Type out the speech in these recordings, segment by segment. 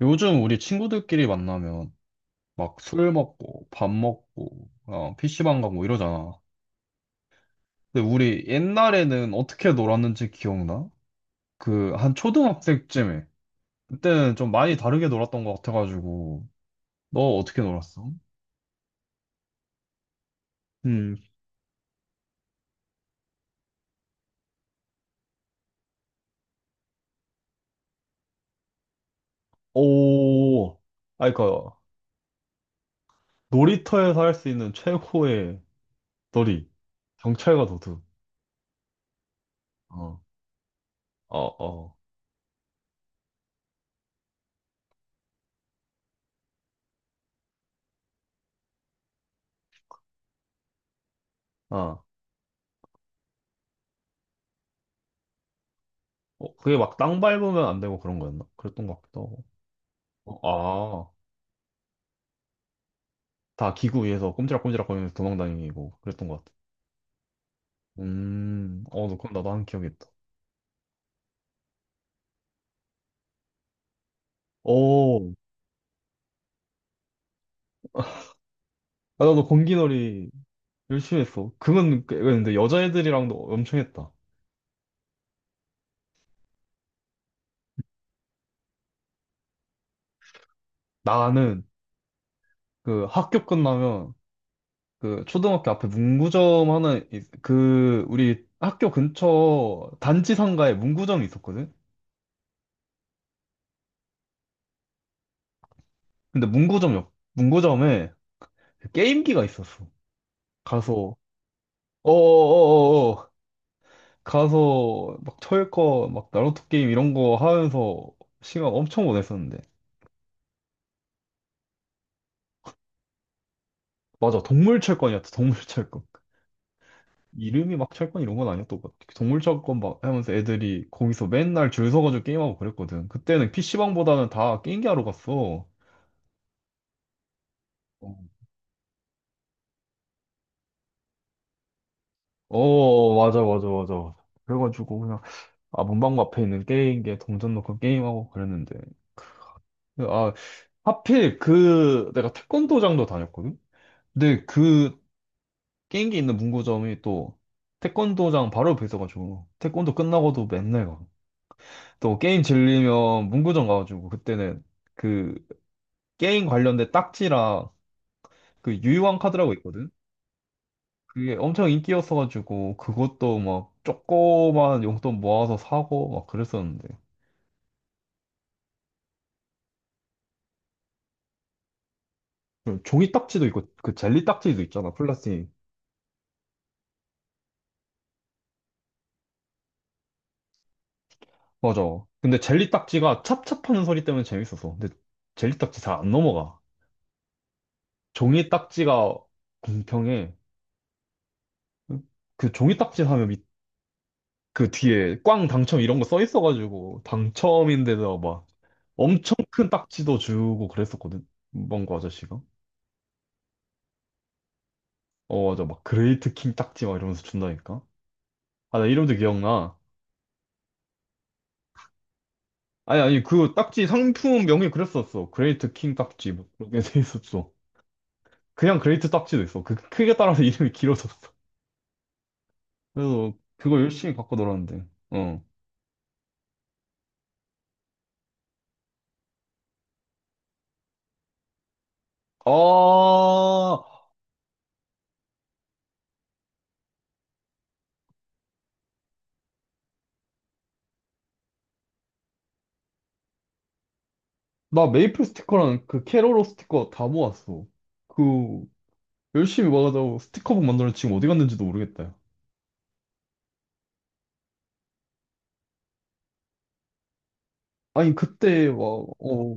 요즘 우리 친구들끼리 만나면 막 술 먹고 밥 먹고 PC방 가고 이러잖아. 근데 우리 옛날에는 어떻게 놀았는지 기억나? 그 한 초등학생쯤에 그때는 좀 많이 다르게 놀았던 것 같아가지고 너 어떻게 놀았어? 음, 오, 아, 그니까, 놀이터에서 할 수 있는 최고의 놀이. 경찰과 도둑. 어, 어, 어, 아. 어, 그게 막 땅 밟으면 안 되고 그런 거였나? 그랬던 것 같기도 하고. 어, 다 기구 위에서 꼼지락꼼지락 거리면서 도망다니고 그랬던 것 같아. 어, 너 그럼 나도 한 기억이 있다. 오, 아, 나도 공기놀이 열심히 했어. 근데 여자애들이랑도 엄청 했다. 나는 그 학교 끝나면 그 초등학교 앞에 그 우리 학교 근처 단지 상가에 문구점이 있었거든? 근데 문구점에 게임기가 있었어. 가서, 어어어어어, 가서 막 철권, 막 나루토 게임 이런 거 하면서 시간 엄청 보냈었는데. 맞아, 동물 철권이었다, 동물 철권. 이름이 막 철권 이런 건 아니었던 것 같아. 동물 철권 막 하면서 애들이 거기서 맨날 줄 서가지고 게임하고 그랬거든. 그때는 PC방보다는 다 게임기 하러 갔어. 어, 어, 맞아, 맞아, 맞아. 그래가지고 그냥 아 문방구 앞에 있는 게임기에 동전 넣고 게임하고 그랬는데 아 하필 그 내가 태권도장도 다녔거든. 근데 그 게임기 있는 문구점이 또 태권도장 바로 옆에 있어가지고 태권도 끝나고도 맨날 가고 또 게임 질리면 문구점 가가지고 그때는 그 게임 관련된 딱지랑 그 유희왕 카드라고 있거든. 그게 엄청 인기였어가지고 그것도 막 조그만 용돈 모아서 사고 막 그랬었는데 그 종이 딱지도 있고 그 젤리 딱지도 있잖아, 플라스틱. 맞아. 근데 젤리 딱지가 찹찹하는 소리 때문에 재밌었어. 근데 젤리 딱지 잘 안 넘어가. 종이 딱지가 공평해. 그 종이 딱지 사면 밑- 그 뒤에 꽝 당첨 이런 거 써 있어가지고 당첨인데도 막 엄청 큰 딱지도 주고 그랬었거든. 문방구 아저씨가. 어, 맞아. 막 그레이트 킹 딱지 막 이러면서 준다니까. 아, 나 이름도 기억나. 아니, 아니, 그 딱지 상품 명이 그랬었어. 그레이트 킹 딱지. 뭐 그렇게 돼 있었어. 그냥 그레이트 딱지도 있어. 그 크기에 따라서 이름이 길어졌어. 그래서 그거 열심히 갖고 놀았는데. 어. 아, 나 메이플 스티커랑 그 캐롤로 스티커 다 모았어. 그 열심히 모아가지고 스티커북 만들었는데 지금 어디 갔는지도 모르겠다. 아니 그때 막 어,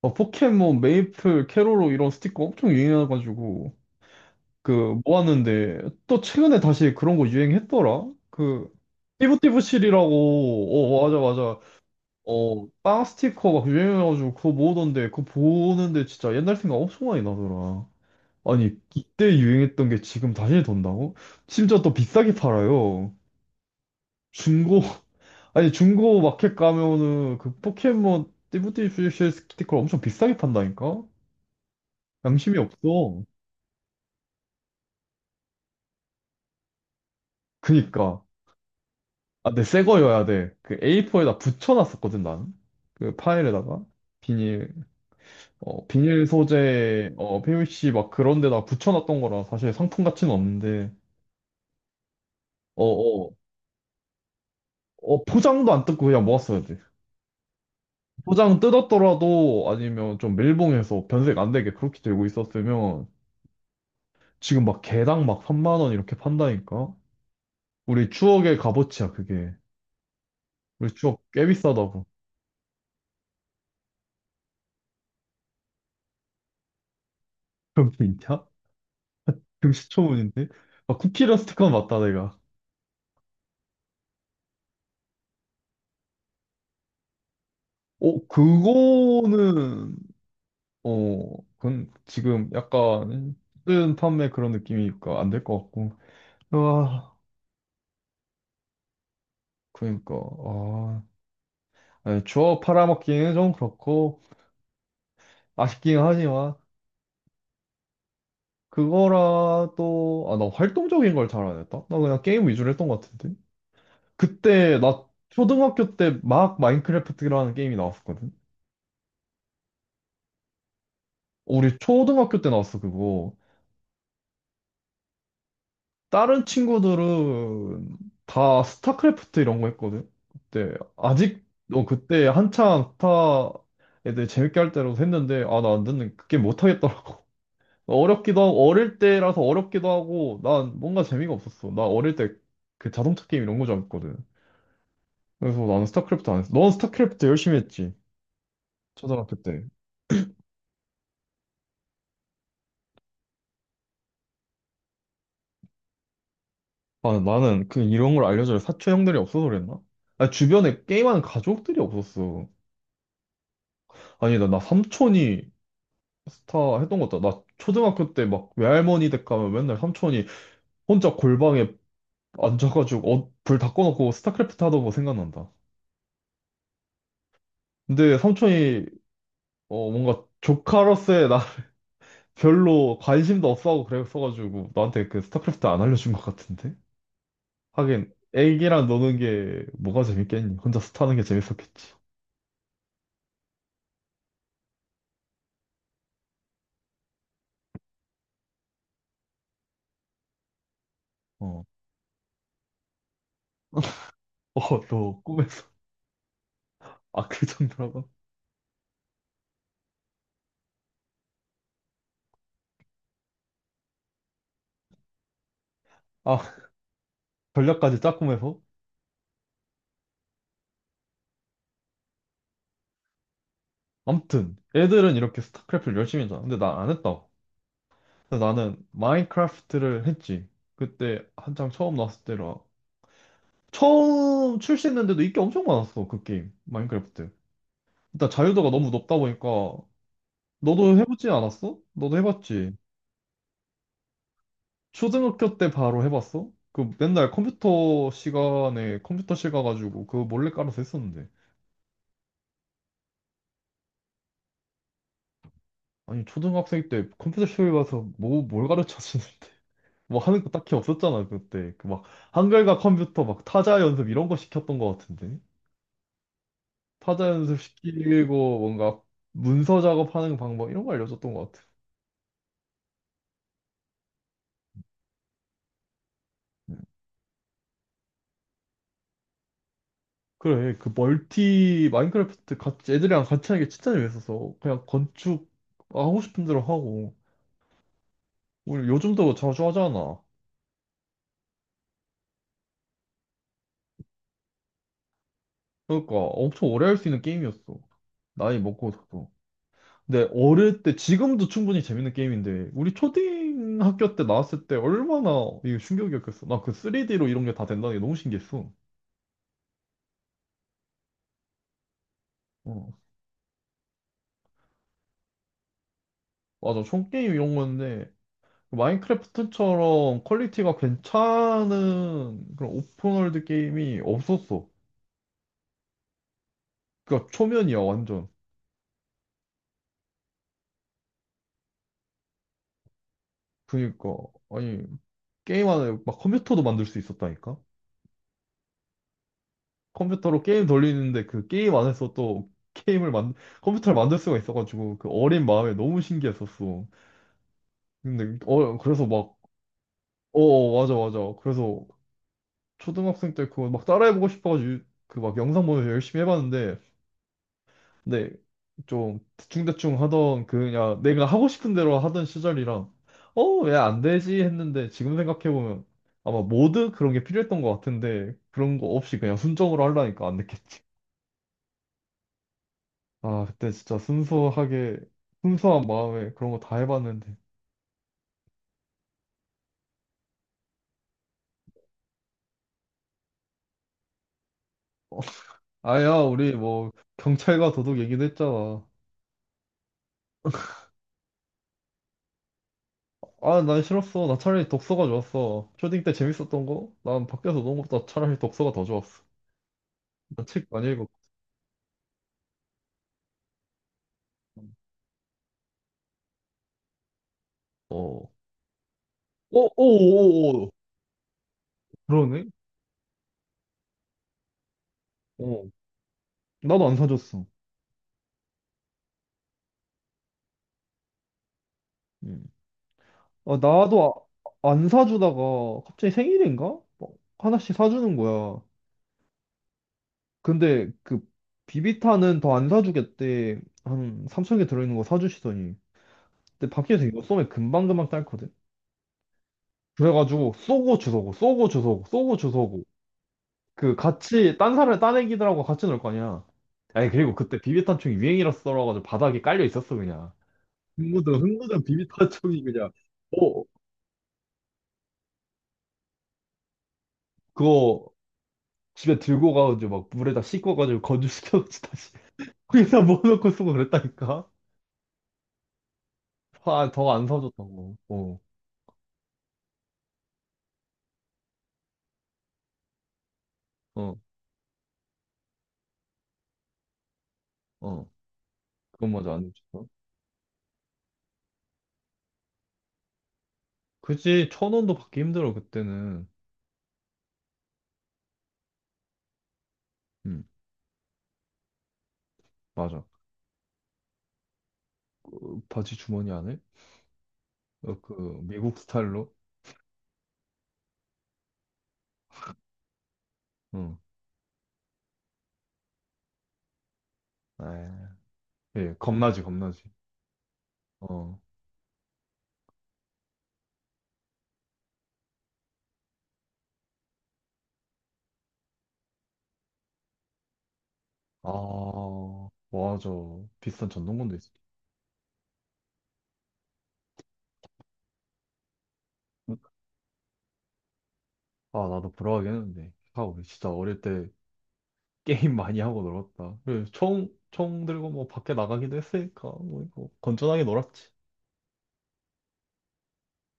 막 포켓몬, 메이플, 캐롤로 이런 스티커 엄청 유행해가지고 그 모았는데 또 최근에 다시 그런 거 유행했더라. 그 띠부띠부실이라고. 어 맞아 맞아. 어빵 스티커 막 유행해가지고 그거 모으던데 그거 보는데 진짜 옛날 생각 엄청 많이 나더라. 아니, 이때 유행했던 게 지금 다시 돈다고? 심지어 또 비싸게 팔아요. 중고, 아니, 중고 마켓 가면은 그 포켓몬 띠부띠부 스티커 엄청 비싸게 판다니까? 양심이 없어. 그니까. 아, 근데 새 거여야 돼. 그 A4에다 붙여놨었거든, 나는. 그 파일에다가. 비닐, 비닐 소재, PVC 막 그런 데다 붙여놨던 거라 사실 상품 가치는 없는데, 어, 어, 어, 포장도 안 뜯고 그냥 모았어야 돼. 포장 뜯었더라도 아니면 좀 밀봉해서 변색 안 되게 그렇게 들고 있었으면 지금 막 개당 막 3만 원 이렇게 판다니까? 우리 추억의 값어치야 그게. 우리 추억 꽤 비싸다고. 그게 있냐? 금시초문인데? 아 쿠키랑 스티커는 맞다 내가. 어 그거는 어 그건 지금 약간 뜬 판매 그런 느낌이니까 안될 것 같고. 와 그러니까 아 아니, 추억 팔아먹기는 좀 그렇고 아쉽긴 하지만. 그거라도, 아, 나 활동적인 걸 잘 안 했다? 나 그냥 게임 위주로 했던 것 같은데? 그때, 나 초등학교 때 막 마인크래프트라는 게임이 나왔었거든? 우리 초등학교 때 나왔어, 그거. 다른 친구들은 다 스타크래프트 이런 거 했거든? 그때, 아직, 어, 그때 한창 스타 애들 재밌게 할 때라도 했는데, 아, 나 안 듣는, 그게 못 하겠더라고. 어렵기도 하고, 어릴 때라서 어렵기도 하고, 난 뭔가 재미가 없었어. 나 어릴 때 그 자동차 게임 이런 거 좋아했거든. 그래서 나는 스타크래프트 안 했어. 넌 스타크래프트 열심히 했지. 초등학교 때. 아, 나는 그 이런 걸 알려줄 사촌 형들이 없어서 그랬나? 아, 주변에 게임하는 가족들이 없었어. 아니, 나 삼촌이 스타 했던 것 같다. 나 초등학교 때 막 외할머니 댁 가면 맨날 삼촌이 혼자 골방에 앉아가지고 불 다 꺼놓고 스타크래프트 하던 거 생각난다. 근데 삼촌이 어, 뭔가 조카로서의 나 별로 관심도 없어하고 그랬어가지고 나한테 그 스타크래프트 안 알려준 것 같은데? 하긴 애기랑 노는 게 뭐가 재밌겠니? 혼자 스타하는 게 재밌었겠지. 어, 어, 너 꿈에서 아 그 정도라고? 아 전략까지 짜꿈해서 아무튼 애들은 이렇게 스타크래프트를 열심히 했잖아. 근데 난 안 했다. 그래서 나는 마인크래프트를 했지. 그때 한창 처음 나왔을 때라 처음 출시했는데도 인기 엄청 많았어 그 게임 마인크래프트. 일단 자유도가 너무 높다 보니까 너도 해보지 않았어? 너도 해봤지. 초등학교 때 바로 해봤어? 그 맨날 컴퓨터 시간에 컴퓨터실 가가지고 그거 몰래 깔아서 했었는데. 아니, 초등학생 때 컴퓨터실 가서 뭐, 뭘 가르쳐 주는데. 뭐 하는 거 딱히 없었잖아, 그때. 그 막, 한글과 컴퓨터 막 타자 연습 이런 거 시켰던 거 같은데. 타자 연습 시키고 뭔가 문서 작업하는 방법 이런 거 알려줬던 것 같아. 음. 그래, 그 멀티 마인크래프트 같이 애들이랑 같이 하는 게 진짜 재밌었어. 그냥 건축 하고 싶은 대로 하고. 우리 요즘도 자주 하잖아. 그러니까 엄청 오래 할 수 있는 게임이었어. 나이 먹고서도. 근데 어릴 때 지금도 충분히 재밌는 게임인데 우리 초등학교 때 나왔을 때 얼마나 이게 충격이었겠어. 나 그 3D로 이런 게 다 된다는 게 너무 신기했어. 어. 맞아. 총 게임 이런 건데 마인크래프트처럼 퀄리티가 괜찮은 그런 오픈월드 게임이 없었어. 그러니까 초면이야 완전. 그러니까 아니 게임 안에 막 컴퓨터도 만들 수 있었다니까. 컴퓨터로 게임 돌리는데 그 게임 안에서 또 게임을 만 컴퓨터를 만들 수가 있어가지고 그 어린 마음에 너무 신기했었어. 근데 어 그래서 막어 어, 맞아 맞아. 그래서 초등학생 때 그거 막 따라해보고 싶어가지고 그 막 영상 보면서 열심히 해봤는데 근데 좀 대충대충 하던 그 그냥 내가 하고 싶은 대로 하던 시절이라 어 왜 안 되지 했는데 지금 생각해보면 아마 모드 그런 게 필요했던 것 같은데 그런 거 없이 그냥 순정으로 하려니까 안 됐겠지. 아, 그때 진짜 순수하게, 순수한 마음에 그런 거 다 해봤는데. 아야, 우리 뭐, 경찰과 도둑 얘기도 했잖아. 아, 난 싫었어. 나 차라리 독서가 좋았어. 초딩 때 재밌었던 거? 난 밖에서 노는 것보다 차라리 독서가 더 좋았어. 나 책 많이 읽었고. 어. 어, 오, 오, 오. 그러네? 어. 나도 안 사줬어. 음. 아, 나도 안 사주다가 갑자기 생일인가? 뭐 하나씩 사주는 거야. 근데 그 비비탄은 더 안 사주겠대. 한 3,000개 들어있는 거 사주시더니. 근데 밖에서 이거 쏘면 금방금방 딸거든? 그래가지고 쏘고 주소고 쏘고 주소고 쏘고 주소고 그 같이 딴 사람 딴 애기들하고 같이 놀 거 아니야. 아니 그리고 그때 비비탄 총이 유행이라서라가지고 바닥에 깔려 있었어 그냥. 흥무든 흥무든 비비탄 총이 그냥 어 그거 집에 들고 가가지고 막 물에다 씻고가지고 건조시켜가지고 다시 거기다 뭐넣놓고 쓰고 그랬다니까. 아 더 안 사줬다고. 어 어, 어. 그건 맞아, 안 해줬어. 그치, 천 원도 받기 힘들어, 그때는. 음, 맞아. 그 바지 주머니 안에? 어, 그, 미국 스타일로? 응. 아, 예, 겁나지, 겁나지. 어. 아, 맞아. 비싼 전동건도 있어. 아, 나도 부러워하긴 했는데. 아, 우리 진짜 어릴 때 게임 많이 하고 놀았다. 그래, 총, 총 들고 뭐 밖에 나가기도 했으니까, 뭐, 이거 건전하게 놀았지.